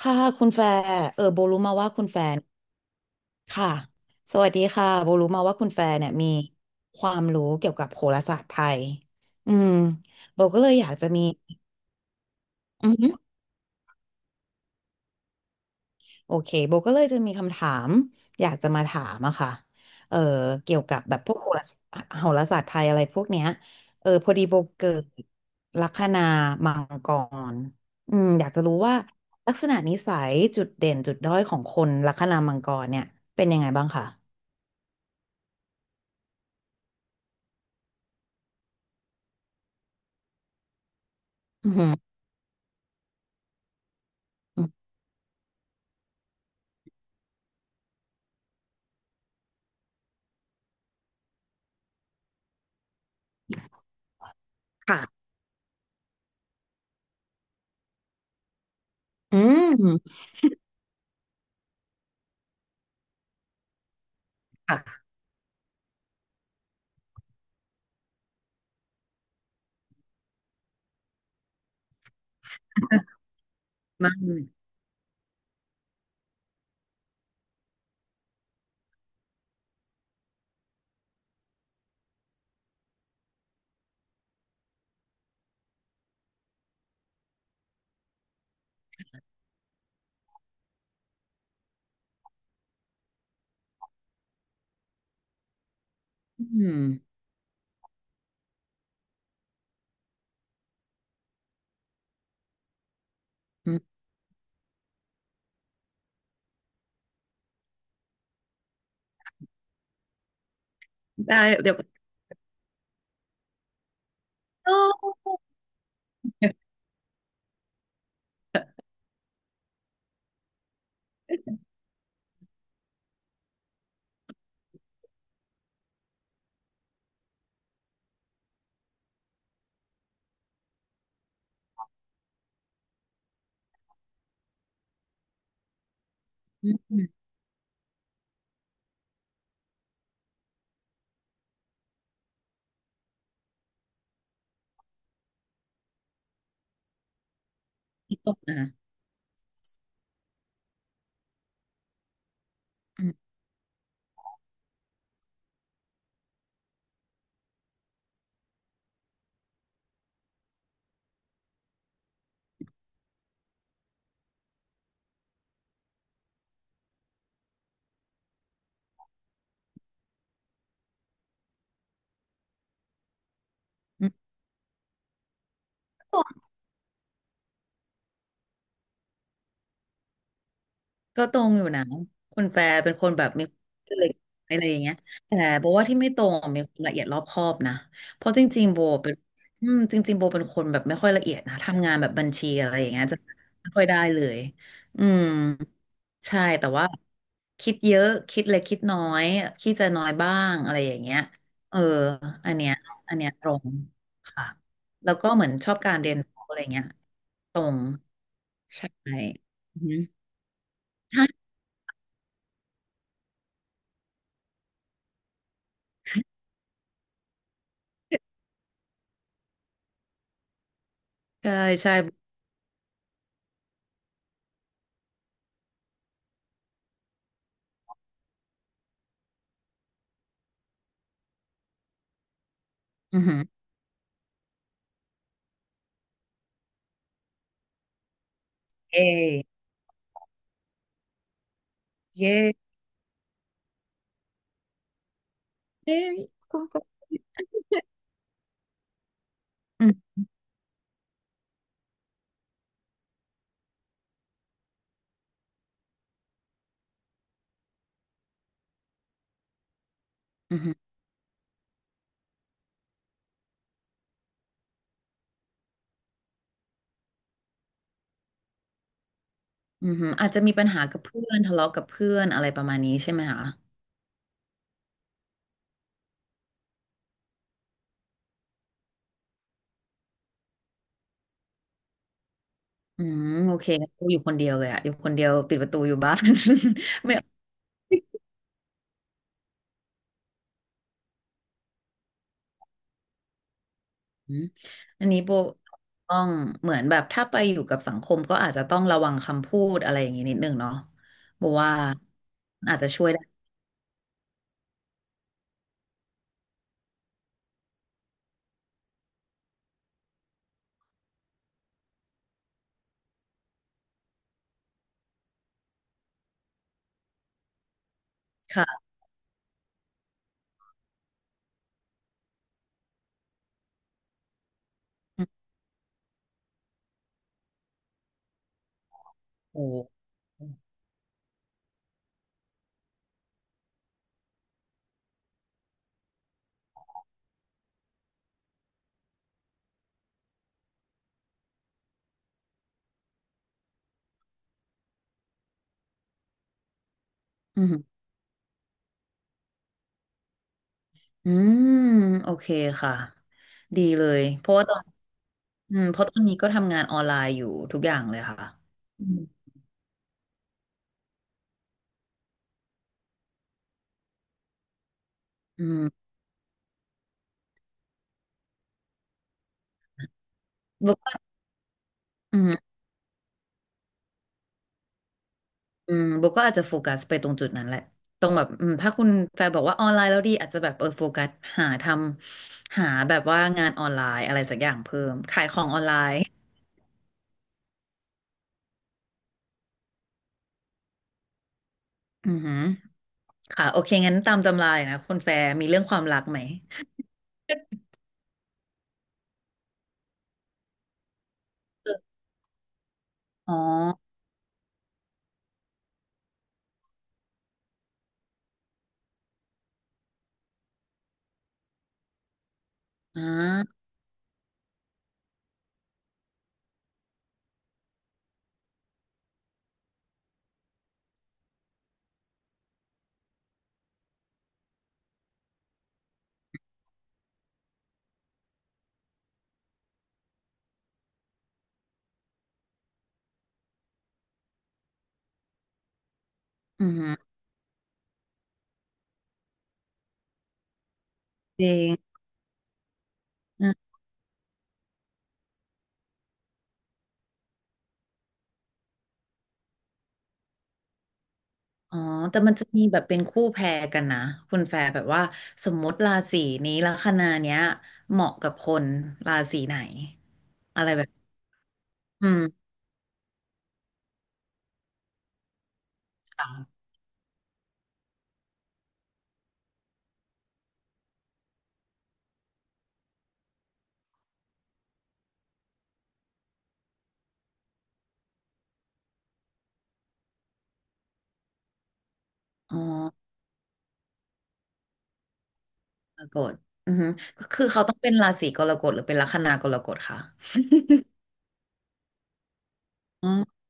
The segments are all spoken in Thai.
ค่ะคุณแฟร์โบรู้มาว่าคุณแฟนค่ะสวัสดีค่ะโบรู้มาว่าคุณแฟนเนี่ยมีความรู้เกี่ยวกับโหราศาสตร์ไทยอืมโบก็เลยอยากจะมีอือหือโอเคโบก็เลยจะมีคำถามอยากจะมาถามอะค่ะเออเกี่ยวกับแบบพวกโหราศาสตร์โหราศาสตร์ไทยอะไรพวกเนี้ยพอดีโบเกิดลัคนามังกรอืมอยากจะรู้ว่าลักษณะนิสัยจุดเด่นจุดด้อยของคนลัคนามังกรเนี่ยเป็นยังไงบ้างคะ อืมค่ะอืมค่ะมาอืมอืมได้เดี๋ยวก็นิดต่นนะอืมอืม ก็ตรงอยู่นะคุณแฟร์เป็นคนแบบมีความเล็กอะไรอย่างเงี้ยแต่โบว่าที่ไม่ตรงอะมีความละเอียดรอบคอบนะเพราะจริงๆโบเป็นคนแบบไม่ค่อยละเอียดนะทำงานแบบบัญชีอะไรอย่างเงี้ยจะไม่ค่อยได้เลยอืมใช่แต่ว่าคิดเยอะคิดเล็กคิดน้อยคิดจะน้อยบ้างอะไรอย่างเงี้ยเอออันเนี้ยอันเนี้ยตรงค่ะแล้วก็เหมือนชอบการเรียนรู้อะไรเงี้ยตรงใช่อือฮึ ใช่ใช่ อือหือเอเย่เอ้ยก็อืมอือหืออือหืออาจจะมีปัญหากับเพื่อนทะเลาะกับเพื่อนอะไรประมาณนี้ใช่ไหมคะอืม โอเคงั้นกูอยู่คนเดียวเลยอะอยู่คนเดียวปิดประตูอยู่บ้าน ไม่อืมอันนี้โบต้องเหมือนแบบถ้าไปอยู่กับสังคมก็อาจจะต้องระวังคำพูดอะไรอย่างนี้นิดนึงเนาะโบว่าอาจจะช่วยได้ค่ะอืมโอ้อืมอืมโอเคค่ะ ดีเลยเพราะว่าตอน อืมเพราะตอนนี้ก็ทำงานออนไลน์อยู่ทุกอย่างเลยค่ะอืมอืมโบก็อืมโบก็อาจจะโฟกัสไปตรงจุดนั้นแหละตรงแบบถ้าคุณแฟนบอกว่าออนไลน์แล้วดีอาจจะแบบโฟกัสหาทำหาแบบว่างานออนไลน์อะไรสักอย่างเพิ่มขายของออนไลน์อือหือค่ะโอเคงั้นตามตำราเลยนะคุณแฟร์มีเรื่องความรักไหมอ๋ออ่าอือหือจริง อ๋อแต่มันจะมีแบบเป็นคู่แพรกันนะคุณแฟร์แบบว่าสมมติราศีนี้ลัคนาเนี้ยเหมาะกับคนราศีไหนอะไรแบบอืมค่ะอ๋อกรกฎอือฮึก็คือเขาต้องเป็นราศีกรกฎหรือเป็นลัคนากรกฎค่ะ อืม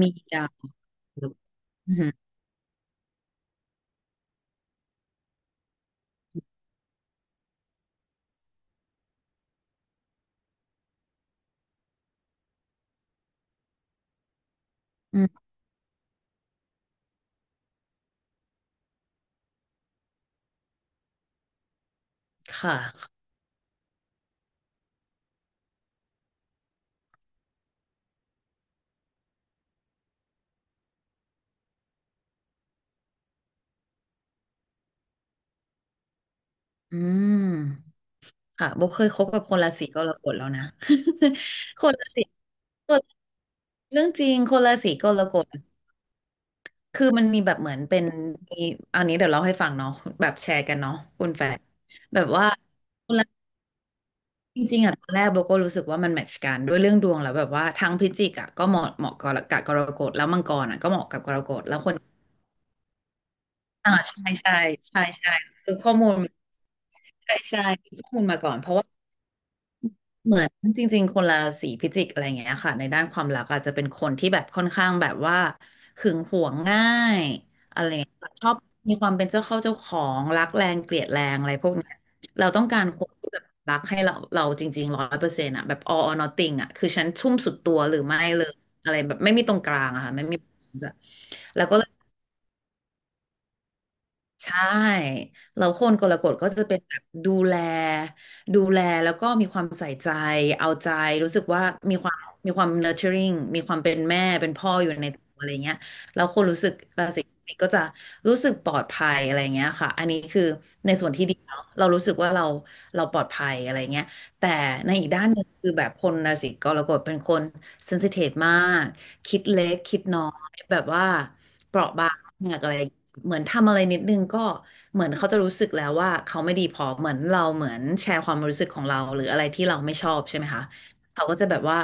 มีดาวอือฮึอืมค่ะอืมค่ะโบเคยคบกับคนราศีกรกฎแล้วนะ คนราศีคนเรื่องจริงคนราศีกรกฎ คือมันมีแบบเหมือนเป็นมีอันนี้เดี๋ยวเล่าให้ฟังเนาะแบบแชร์กันเนาะคุณแฟนแบบว่าจริงๆอ่ะตอนแรกโบก็รู้สึกว่ามันแมทช์กันด้วยเรื่องดวงแล้วแบบว่าทั้งพิจิกอ่ะก็เหมาะเหมาะกับกรกฎแล้วมังกรอ่ะก็เหมาะกับกรกฎแล้วคนอ่าใช่ใช่ใช่ใช่คือข้อมูลใช่ใช่มข้อมูลมาก่อนเพราะว่า เหมือนจริงๆคนราศีพิจิกอะไรอย่างเงี้ยค่ะในด้านความรักอาจจะเป็นคนที่แบบค่อนข้างแบบว่าหึงหวงง่ายอะไรอย่างเงี้ยชอบมีความเป็นเจ้าเข้าเจ้าของรักแรงเกลียดแรงอะไรพวกเนี้ยเราต้องการคนที่แบบรักให้เราเราจริงๆร้อยเปอร์เซ็นต์อะแบบ all or nothing อะคือฉันทุ่มสุดตัวหรือไม่เลยอะไรแบบไม่มีตรงกลางอะค่ะไม่มีแล้วก็เลย ใช่แล้วคนกรกฎก็จะเป็นแบบดูแลดูแลแล้วก็มีความใส่ใจเอาใจรู้สึกว่ามีความมีความ nurturing มีความเป็นแม่เป็นพ่ออยู่ในตัวอะไรเงี้ยแล้วคนรู้สึกราศีสิงห์ก็จะรู้สึกปลอดภัยอะไรเงี้ยค่ะอันนี้คือในส่วนที่ดีเนาะเรารู้สึกว่าเราเราปลอดภัยอะไรเงี้ยแต่ในอีกด้านหนึ่งคือแบบคนราศีกรกฎเป็นคน sensitive มากคิดเล็กคิดน้อยแบบว่า เปราะบางมากอะไรเหมือนทำอะไรนิดนึงก็เหมือนเขาจะรู้สึกแล้วว่าเขาไม่ดีพอเหมือนเราเหมือนแชร์ความรู้สึกของเราหรืออะไรที่เราไม่ชอบใช่ไหมคะเขาก็จะแบบว่า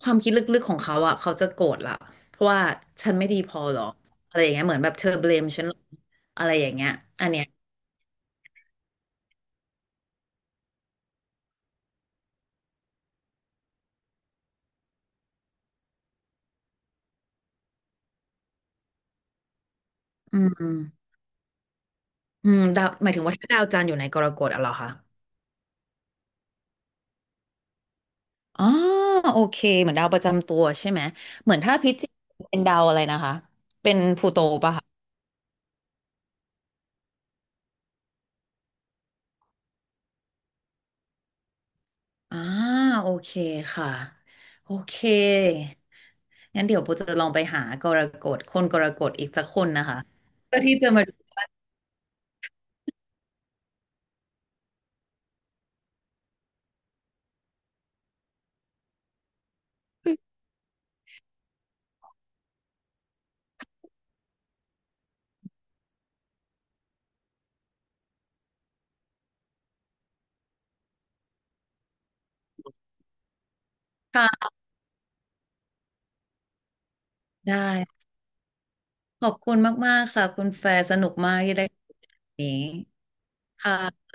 ความคิดลึกๆของเขาอ่ะเขาจะโกรธละเพราะว่าฉันไม่ดีพอหรออะไรอย่างเงี้ยเหมือนแบบเธอเบลมฉันหรออะไรอย่างเงี้ยอันเนี้ยอืมอืมดาวหมายถึงว่าถ้าดาวจันทร์อยู่ในกรกฎอะเหรอคะอ๋อโอเคเหมือนดาวประจำตัวใช่ไหมเหมือนถ้าพิจิกเป็นดาวอะไรนะคะเป็นพลูโตปะคะ อ่าโอเคค่ะโอเคงั้นเดี๋ยวโบจะลองไปหากรกฎคนกรกฎอีกสักคนนะคะเพื่อที่จะมาดูค่ะได้ขอบคุณมากๆค่ะคุณแฟร์สนุกมากที่ได้คุยกันวันนี้ค่ะ